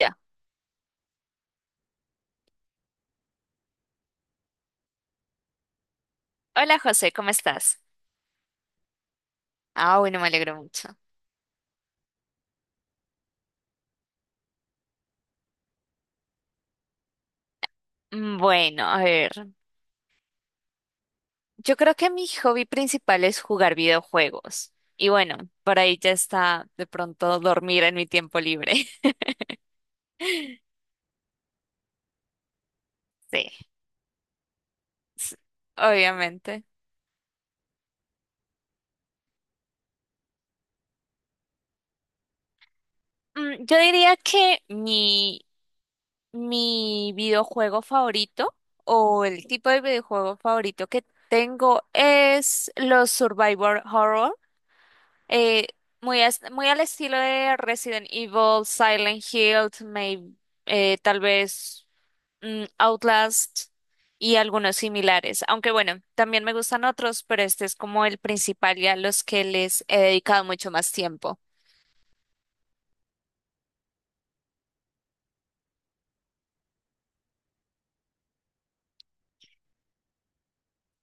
Ya. Hola José, ¿cómo estás? Ah, bueno, me alegro mucho. Bueno, a ver, yo creo que mi hobby principal es jugar videojuegos. Y bueno, por ahí ya está de pronto dormir en mi tiempo libre. Sí, s- obviamente. Yo diría que mi videojuego favorito o el tipo de videojuego favorito que tengo es los Survivor Horror. Eh, muy al estilo de Resident Evil, Silent Hill, tal vez Outlast y algunos similares. Aunque bueno, también me gustan otros, pero este es como el principal y a los que les he dedicado mucho más tiempo.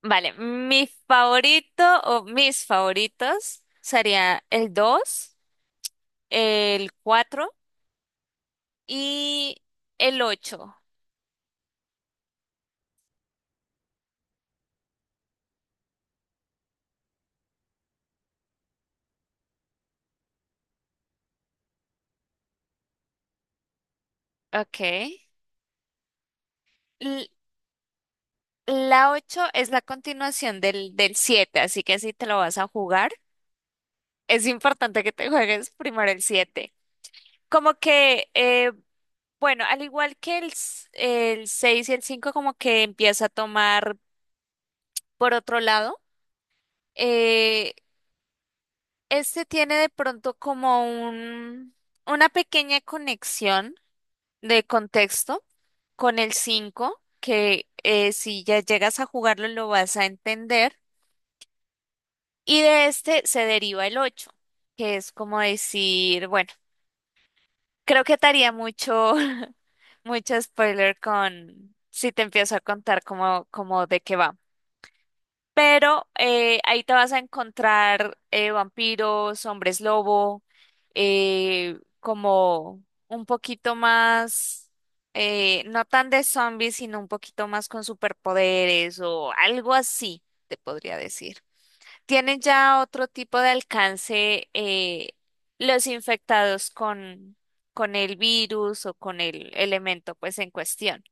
Vale, mi favorito o mis favoritos sería el dos, el 4 y el ocho. Ok. La 8 es la continuación del 7, así que si te lo vas a jugar, es importante que te juegues primero el 7. Como que, bueno, al igual que el 6 y el 5, como que empieza a tomar por otro lado. eh, este tiene de pronto como un, una pequeña conexión de contexto con el 5, que si ya llegas a jugarlo lo vas a entender. Y de este se deriva el 8, que es como decir, bueno, creo que te haría mucho, mucho spoiler con si te empiezo a contar cómo de qué va. Pero ahí te vas a encontrar vampiros, hombres lobo, como un poquito más, no tan de zombies, sino un poquito más con superpoderes o algo así, te podría decir. Tienen ya otro tipo de alcance los infectados con el virus o con el elemento pues en cuestión.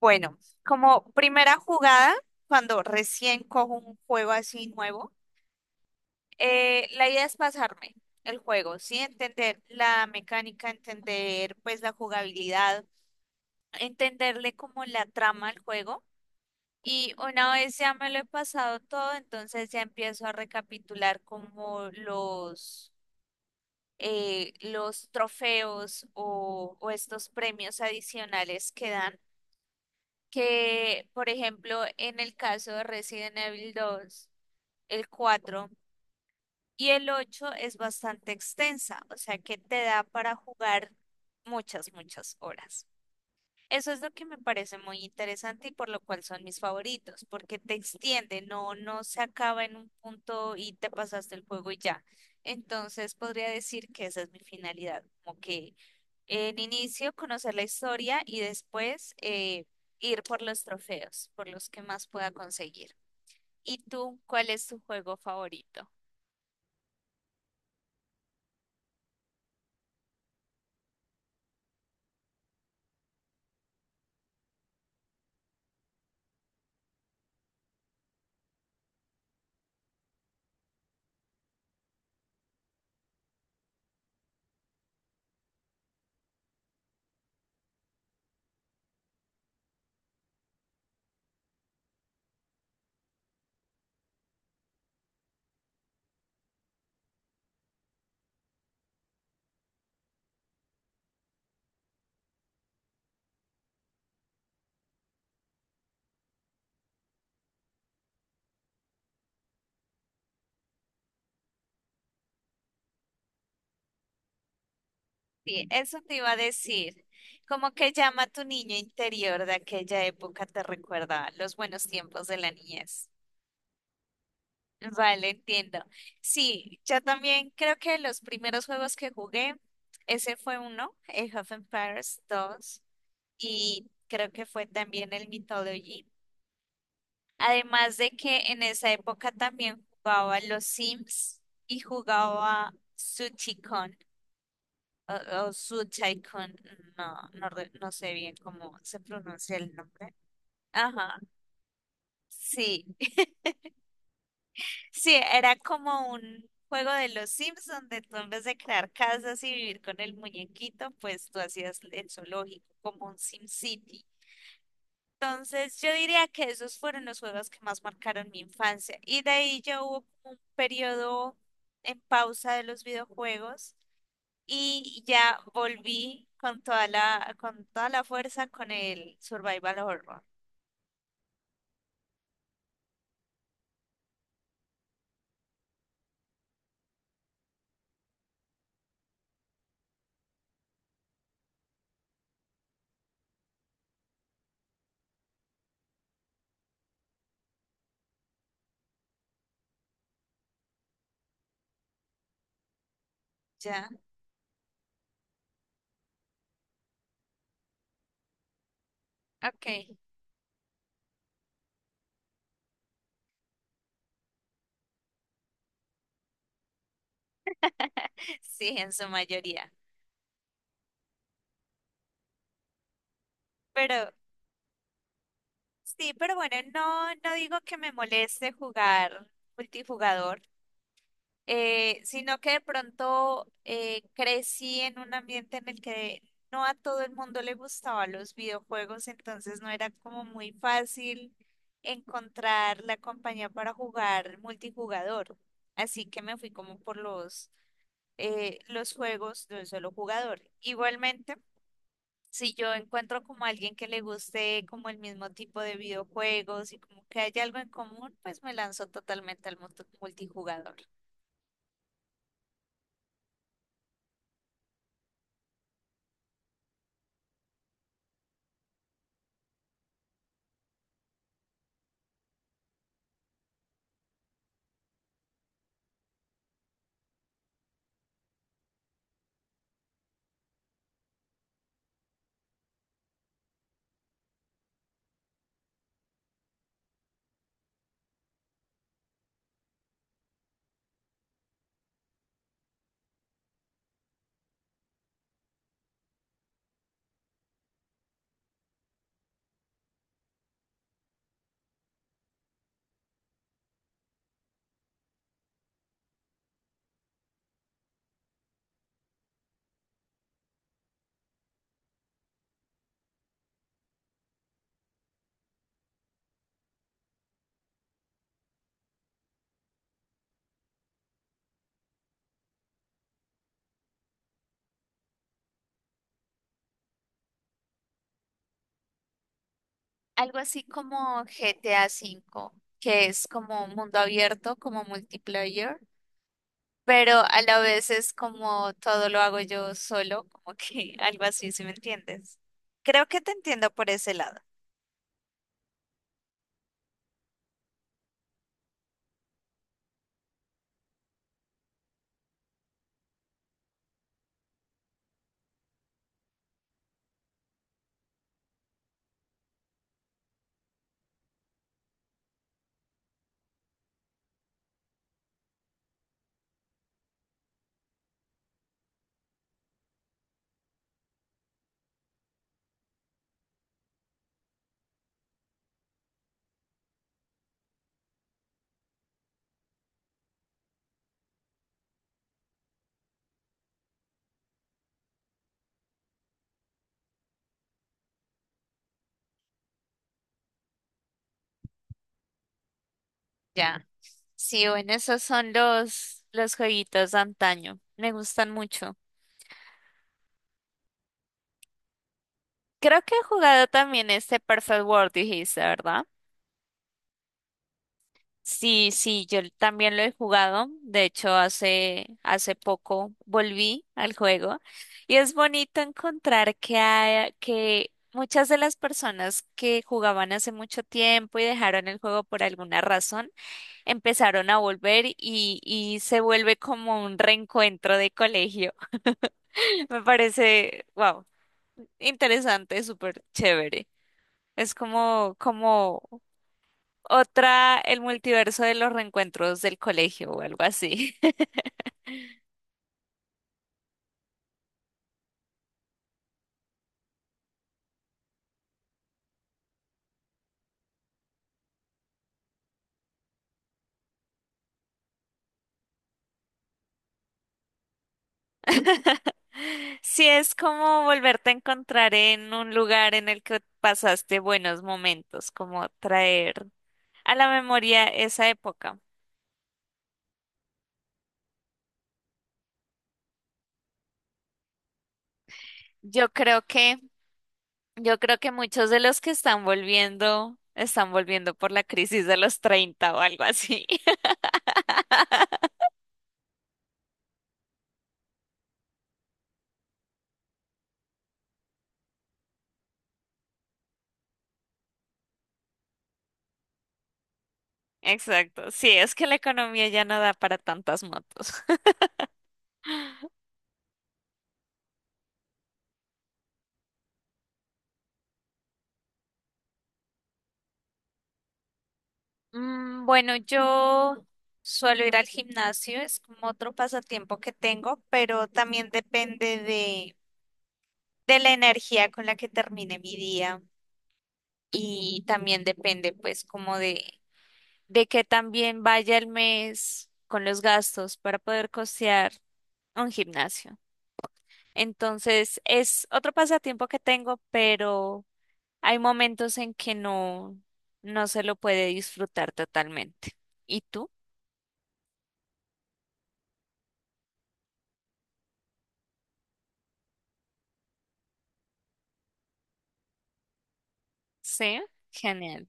Bueno, como primera jugada, cuando recién cojo un juego así nuevo, la idea es pasarme el juego, ¿sí? Entender la mecánica, entender pues la jugabilidad, entenderle como la trama al juego. Y una vez ya me lo he pasado todo, entonces ya empiezo a recapitular como los trofeos o estos premios adicionales que dan. Que, por ejemplo, en el caso de Resident Evil dos, el 4 y el 8 es bastante extensa, o sea que te da para jugar muchas, muchas horas. Eso es lo que me parece muy interesante y por lo cual son mis favoritos, porque te extiende, no, no se acaba en un punto y te pasaste el juego y ya. Entonces podría decir que esa es mi finalidad, como que en inicio conocer la historia y después ir por los trofeos, por los que más pueda conseguir. ¿Y tú, cuál es tu juego favorito? Sí, eso te iba a decir. Como que llama a tu niño interior de aquella época, te recuerda los buenos tiempos de la niñez. Vale, entiendo. Sí, yo también creo que los primeros juegos que jugué, ese fue uno, el Half Empires 2 y creo que fue también el Mythology. Además de que en esa época también jugaba los Sims y jugaba Suchicon o, Suchaicon, no, no, no sé bien cómo se pronuncia el nombre. Ajá, sí. Sí, era como un juego de los Sims donde tú en vez de crear casas y vivir con el muñequito, pues tú hacías el zoológico como un Sim City. Entonces yo diría que esos fueron los juegos que más marcaron mi infancia y de ahí ya hubo como un periodo en pausa de los videojuegos y ya volví con toda la fuerza con el survival horror. Ya, ok. Sí, en su mayoría. Pero Sí, pero bueno, no, no digo que me moleste jugar multijugador, sino que de pronto crecí en un ambiente en el que no a todo el mundo le gustaban los videojuegos, entonces no era como muy fácil encontrar la compañía para jugar multijugador. Así que me fui como por los juegos de un solo jugador. Igualmente, si yo encuentro como alguien que le guste como el mismo tipo de videojuegos y como que haya algo en común, pues me lanzo totalmente al mundo multijugador. Algo así como GTA V, que es como mundo abierto, como multiplayer. Pero a la vez es como todo lo hago yo solo, como que algo así, ¿si me entiendes? Creo que te entiendo por ese lado. Ya. Sí, bueno, esos son los jueguitos de antaño. Me gustan mucho. Creo que he jugado también este Perfect World, dijiste, ¿verdad? Sí, sí, yo también lo he jugado. De hecho, hace poco volví al juego y es bonito encontrar que muchas de las personas que jugaban hace mucho tiempo y dejaron el juego por alguna razón, empezaron a volver y se vuelve como un reencuentro de colegio. Me parece, wow, interesante, súper chévere. Es como, otra, el multiverso de los reencuentros del colegio o algo así. Sí, es como volverte a encontrar en un lugar en el que pasaste buenos momentos, como traer a la memoria esa época. Yo creo que, yo creo que muchos de los que están volviendo por la crisis de los 30 o algo así. Exacto. Sí, es que la economía ya no da para tantas motos. Bueno, yo suelo ir al gimnasio, es como otro pasatiempo que tengo, pero también depende de la energía con la que termine mi día y también depende pues como de que también vaya el mes con los gastos para poder costear un gimnasio. Entonces es otro pasatiempo que tengo, pero hay momentos en que no, no se lo puede disfrutar totalmente. ¿Y tú? Sí, genial.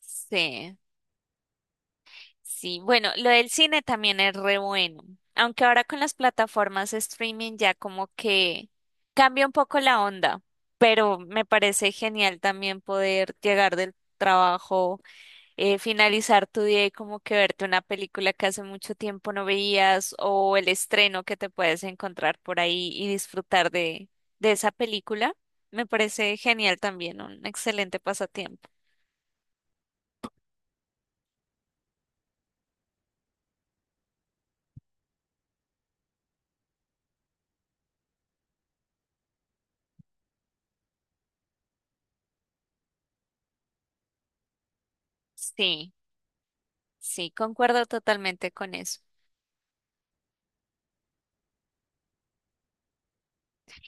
Sí, sí. Bueno, lo del cine también es re bueno. Aunque ahora con las plataformas streaming ya como que cambia un poco la onda, pero me parece genial también poder llegar del trabajo, finalizar tu día y como que verte una película que hace mucho tiempo no veías o el estreno que te puedes encontrar por ahí y disfrutar de esa película. Me parece genial también, un excelente pasatiempo. Sí. Sí, concuerdo totalmente con eso.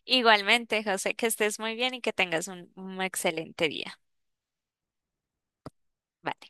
Igualmente, José, que estés muy bien y que tengas un excelente día. Vale.